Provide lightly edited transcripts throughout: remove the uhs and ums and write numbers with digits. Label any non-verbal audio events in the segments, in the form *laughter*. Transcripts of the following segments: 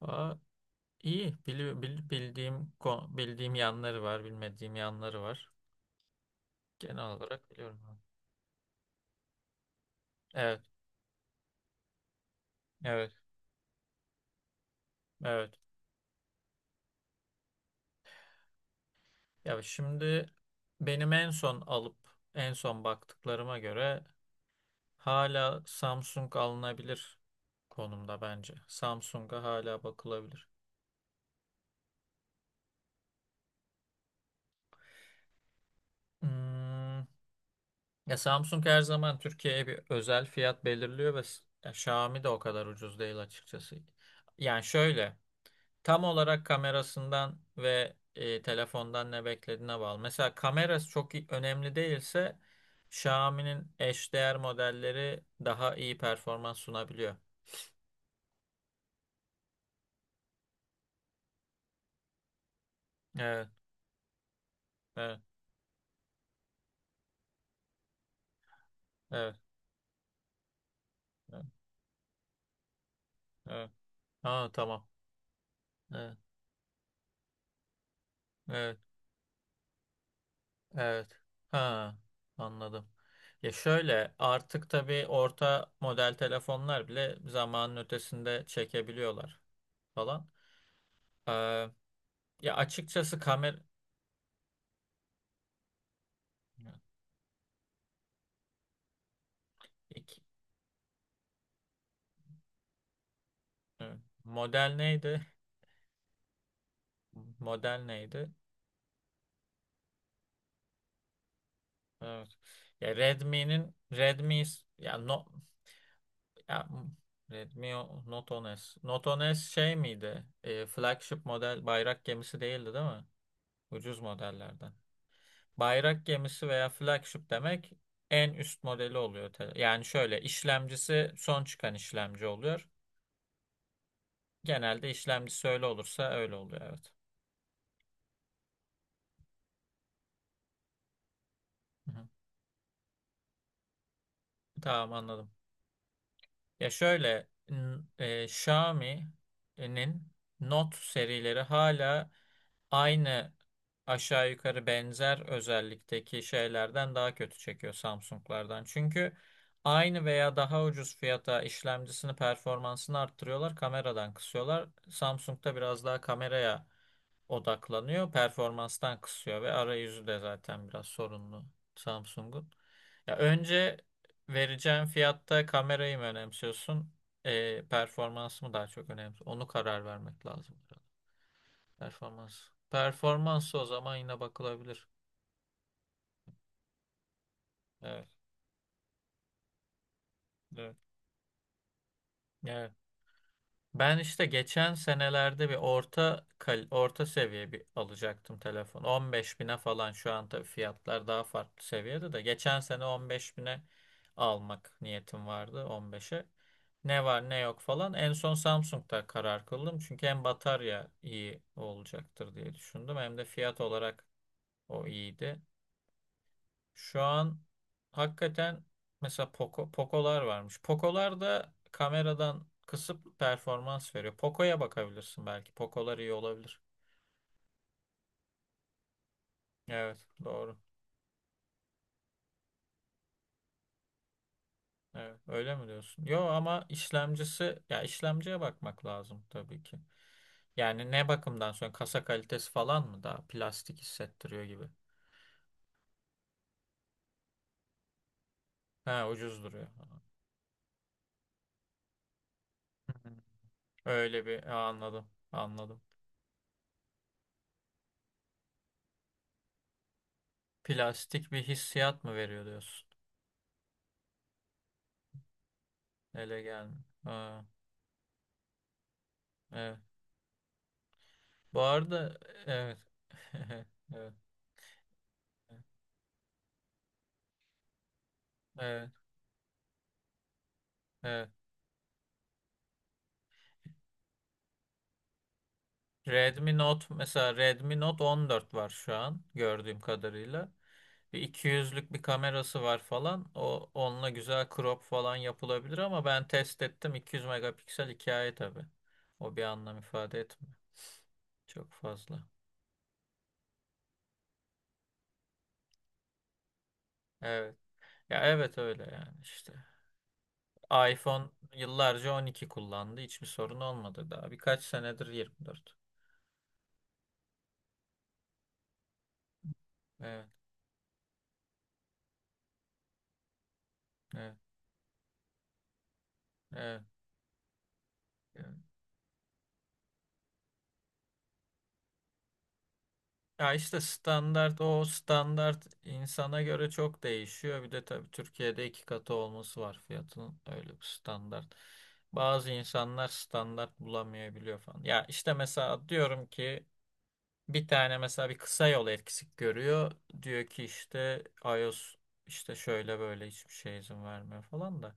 Aa, iyi. Bildiğim bildiğim yanları var, bilmediğim yanları var. Genel olarak biliyorum, abi. Evet, evet, evet. Ya şimdi benim en son alıp en son baktıklarıma göre hala Samsung alınabilir konumda bence. Samsung'a hala bakılabilir. Hmm, Ya Samsung her zaman Türkiye'ye bir özel fiyat belirliyor ya Xiaomi de o kadar ucuz değil açıkçası. Yani şöyle. Tam olarak kamerasından ve telefondan ne beklediğine bağlı. Mesela kamerası çok önemli değilse Xiaomi'nin eşdeğer modelleri daha iyi performans sunabiliyor. Evet, evet, evet, evet. Evet. Ha, tamam. Evet, evet, evet. Ha, anladım. Ya şöyle artık tabii orta model telefonlar bile zamanın ötesinde çekebiliyorlar falan. Ee, Ya açıkçası kamera. Evet. Model neydi? Model neydi? Evet. Ya Redmi'nin Redmi ya no ya Redmi Note 10S. Note 10S şey miydi? Flagship model, bayrak gemisi değildi değil mi? Ucuz modellerden. Bayrak gemisi veya flagship demek en üst modeli oluyor. Yani şöyle, işlemcisi son çıkan işlemci oluyor. Genelde işlemcisi öyle olursa öyle oluyor, evet. Hı hı. Tamam, anladım. Ya şöyle Xiaomi'nin Note serileri hala aynı aşağı yukarı benzer özellikteki şeylerden daha kötü çekiyor Samsung'lardan. Çünkü aynı veya daha ucuz fiyata işlemcisini, performansını arttırıyorlar, kameradan kısıyorlar. Samsung'da biraz daha kameraya odaklanıyor, performanstan kısıyor, ve arayüzü de zaten biraz sorunlu Samsung'un. Ya önce vereceğin fiyatta kamerayı mı önemsiyorsun, performans mı daha çok önemli? Onu karar vermek lazım. Performans. Performansı, o zaman yine bakılabilir. Evet, evet. Evet. Ben işte geçen senelerde bir orta seviye bir alacaktım telefon. 15 bine falan, şu an tabii fiyatlar daha farklı seviyede de. Geçen sene 15 bine almak niyetim vardı, 15'e. Ne var ne yok falan. En son Samsung'da karar kıldım. Çünkü hem batarya iyi olacaktır diye düşündüm. Hem de fiyat olarak o iyiydi. Şu an hakikaten, mesela Poco, Poco'lar varmış. Poco'lar da kameradan kısıp performans veriyor. Poco'ya bakabilirsin belki. Poco'lar iyi olabilir. Evet, doğru. Evet, öyle mi diyorsun? Yo, ama işlemcisi, ya işlemciye bakmak lazım tabii ki. Yani ne bakımdan sonra, kasa kalitesi falan mı, daha plastik hissettiriyor gibi. Ha, ucuz duruyor. Hı hı. Öyle bir, ha, anladım. Anladım. Plastik bir hissiyat mı veriyor diyorsun? Ele gelmiyor. Ha, evet. Bu arada, evet. *laughs* Evet. Evet. Evet. Redmi Note, mesela Redmi Note 14 var şu an gördüğüm kadarıyla. Bir 200'lük bir kamerası var falan. O, onunla güzel crop falan yapılabilir, ama ben test ettim, 200 megapiksel hikaye tabii. O bir anlam ifade etmiyor. Çok fazla. Evet. Ya evet, öyle yani işte. iPhone yıllarca 12 kullandı. Hiçbir sorun olmadı daha. Birkaç senedir 24. Evet. Evet. Evet. Yani. Ya işte standart, o standart insana göre çok değişiyor. Bir de tabii Türkiye'de iki katı olması var fiyatın, öyle bir standart. Bazı insanlar standart bulamayabiliyor falan. Ya işte mesela diyorum ki, bir tane mesela bir kısa yol eksik görüyor. Diyor ki işte iOS işte şöyle böyle hiçbir şey izin vermiyor falan da.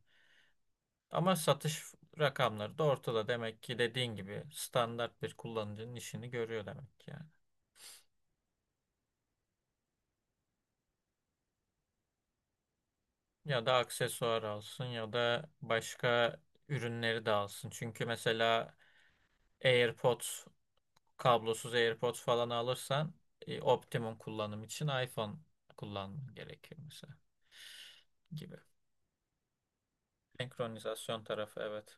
Ama satış rakamları da ortada. Demek ki, dediğin gibi, standart bir kullanıcının işini görüyor demek ki, yani. Ya da aksesuar alsın, ya da başka ürünleri de alsın. Çünkü mesela AirPods, kablosuz AirPods falan alırsan optimum kullanım için iPhone kullanman gerekiyor mesela, gibi. Senkronizasyon tarafı, evet.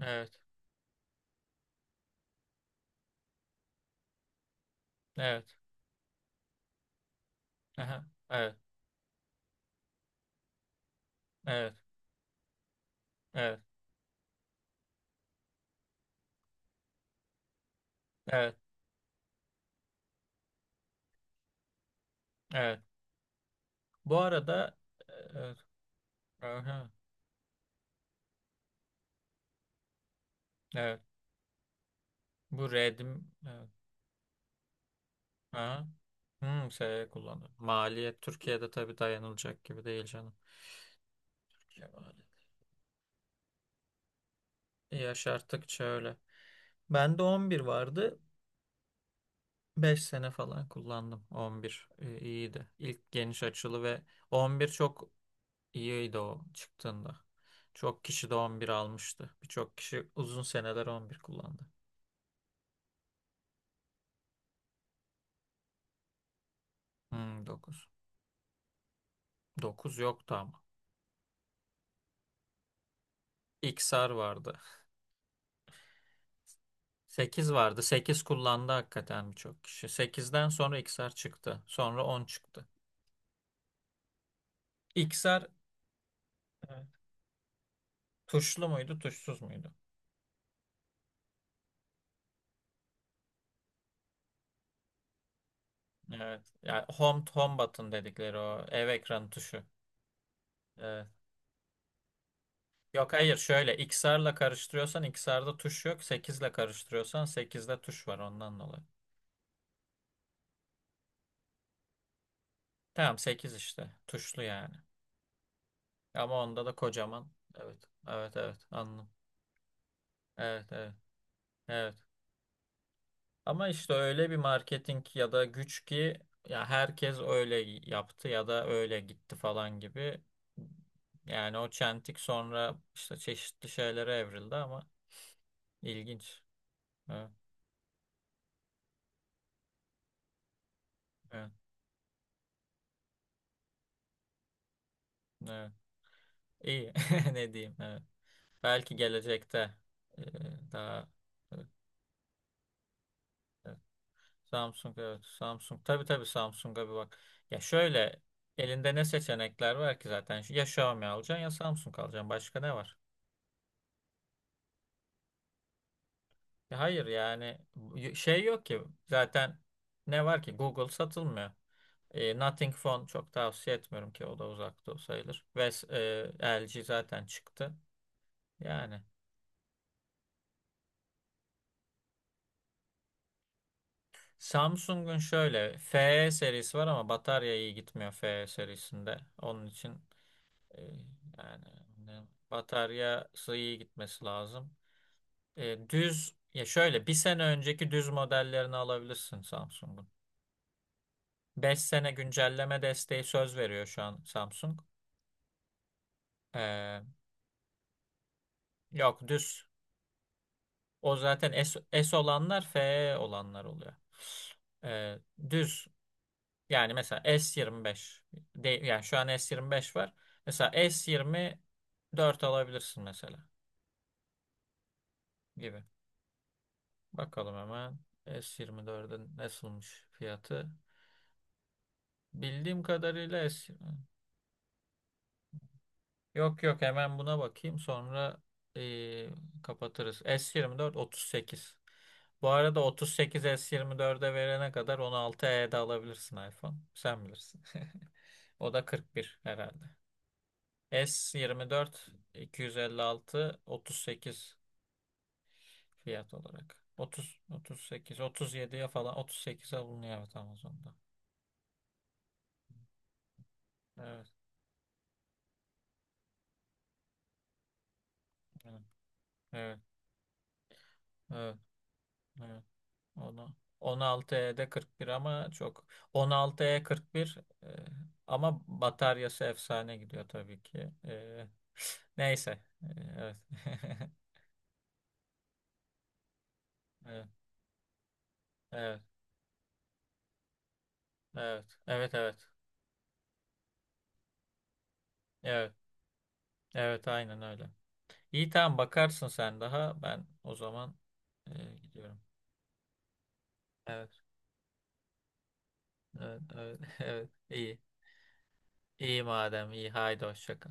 Evet. Evet. Aha, evet. Evet. Evet. Evet. Evet. Bu arada, evet. Aha, evet. Bu Redim, evet. Aha. Şey kullanıyor. Maliyet Türkiye'de tabii dayanılacak gibi değil canım. Yaşarttıkça öyle. Bende 11 vardı. Beş sene falan kullandım. 11 iyiydi. İlk geniş açılı ve 11 çok iyiydi o çıktığında. Çok kişi de 11 almıştı. Birçok kişi uzun seneler 11 kullandı. Hmm, 9. 9 yoktu ama. XR vardı. 8 vardı. 8 kullandı hakikaten birçok kişi. 8'den sonra XR çıktı. Sonra 10 çıktı. XR, evet, tuşlu muydu, tuşsuz muydu? Evet. Yani home button dedikleri o ev ekranı tuşu. Evet. Yok, hayır, şöyle, X4 ile karıştırıyorsan XR'da tuş yok. Sekiz ile karıştırıyorsan 8'de tuş var ondan dolayı. Tamam, 8 işte. Tuşlu yani. Ama onda da kocaman. Evet. Evet, evet, anladım. Evet, evet. Evet. Ama işte öyle bir marketing ya da güç ki, ya herkes öyle yaptı ya da öyle gitti falan gibi. Yani o çentik sonra işte çeşitli şeylere evrildi, ama ilginç. Evet, evet, evet. İyi. *laughs* Ne diyeyim? Evet. Belki gelecekte e, daha, evet. Samsung, evet, Samsung, tabii tabii, Samsung'a bir bak. Ya şöyle, elinde ne seçenekler var ki zaten? Ya Xiaomi alacaksın, ya Samsung alacaksın. Başka ne var? Ya hayır yani, şey yok ki zaten, ne var ki, Google satılmıyor. Nothing Phone çok tavsiye etmiyorum, ki o da uzakta o sayılır. Ve LG zaten çıktı. Yani. Samsung'un şöyle FE serisi var, ama batarya iyi gitmiyor FE serisinde. Onun için e, yani bataryası iyi gitmesi lazım. Düz, ya şöyle bir sene önceki düz modellerini alabilirsin Samsung'un. Beş sene güncelleme desteği söz veriyor şu an Samsung. E, Yok, düz. O zaten S, S olanlar FE olanlar oluyor. E, Düz. Yani mesela S25 de, yani şu an S25 var. Mesela S24 alabilirsin mesela, gibi. Bakalım hemen S24'ün nasılmış fiyatı. Bildiğim kadarıyla S20. Yok, yok, hemen buna bakayım, sonra eee, kapatırız. S24 38. Bu arada 38 S24'e verene kadar 16E'de alabilirsin iPhone. Sen bilirsin. *laughs* O da 41 herhalde. S24 256 38 fiyat olarak. 30 38 37'ye falan 38'e bulunuyor, evet, Amazon'da. Evet. Evet. Evet. Evet. Evet. Onu 16E'de 41, ama çok, 16E 41 41 , ama bataryası efsane gidiyor tabii ki. *laughs* Neyse. Evet. *laughs* Evet. Evet. Evet. Evet. Evet. Evet. Evet. Aynen öyle. İyi, tamam, bakarsın sen daha. Ben o zaman e, gidiyorum. Evet, evet, evet, *laughs* evet. İyi. İyi madem, iyi. Haydi, hoşça kal.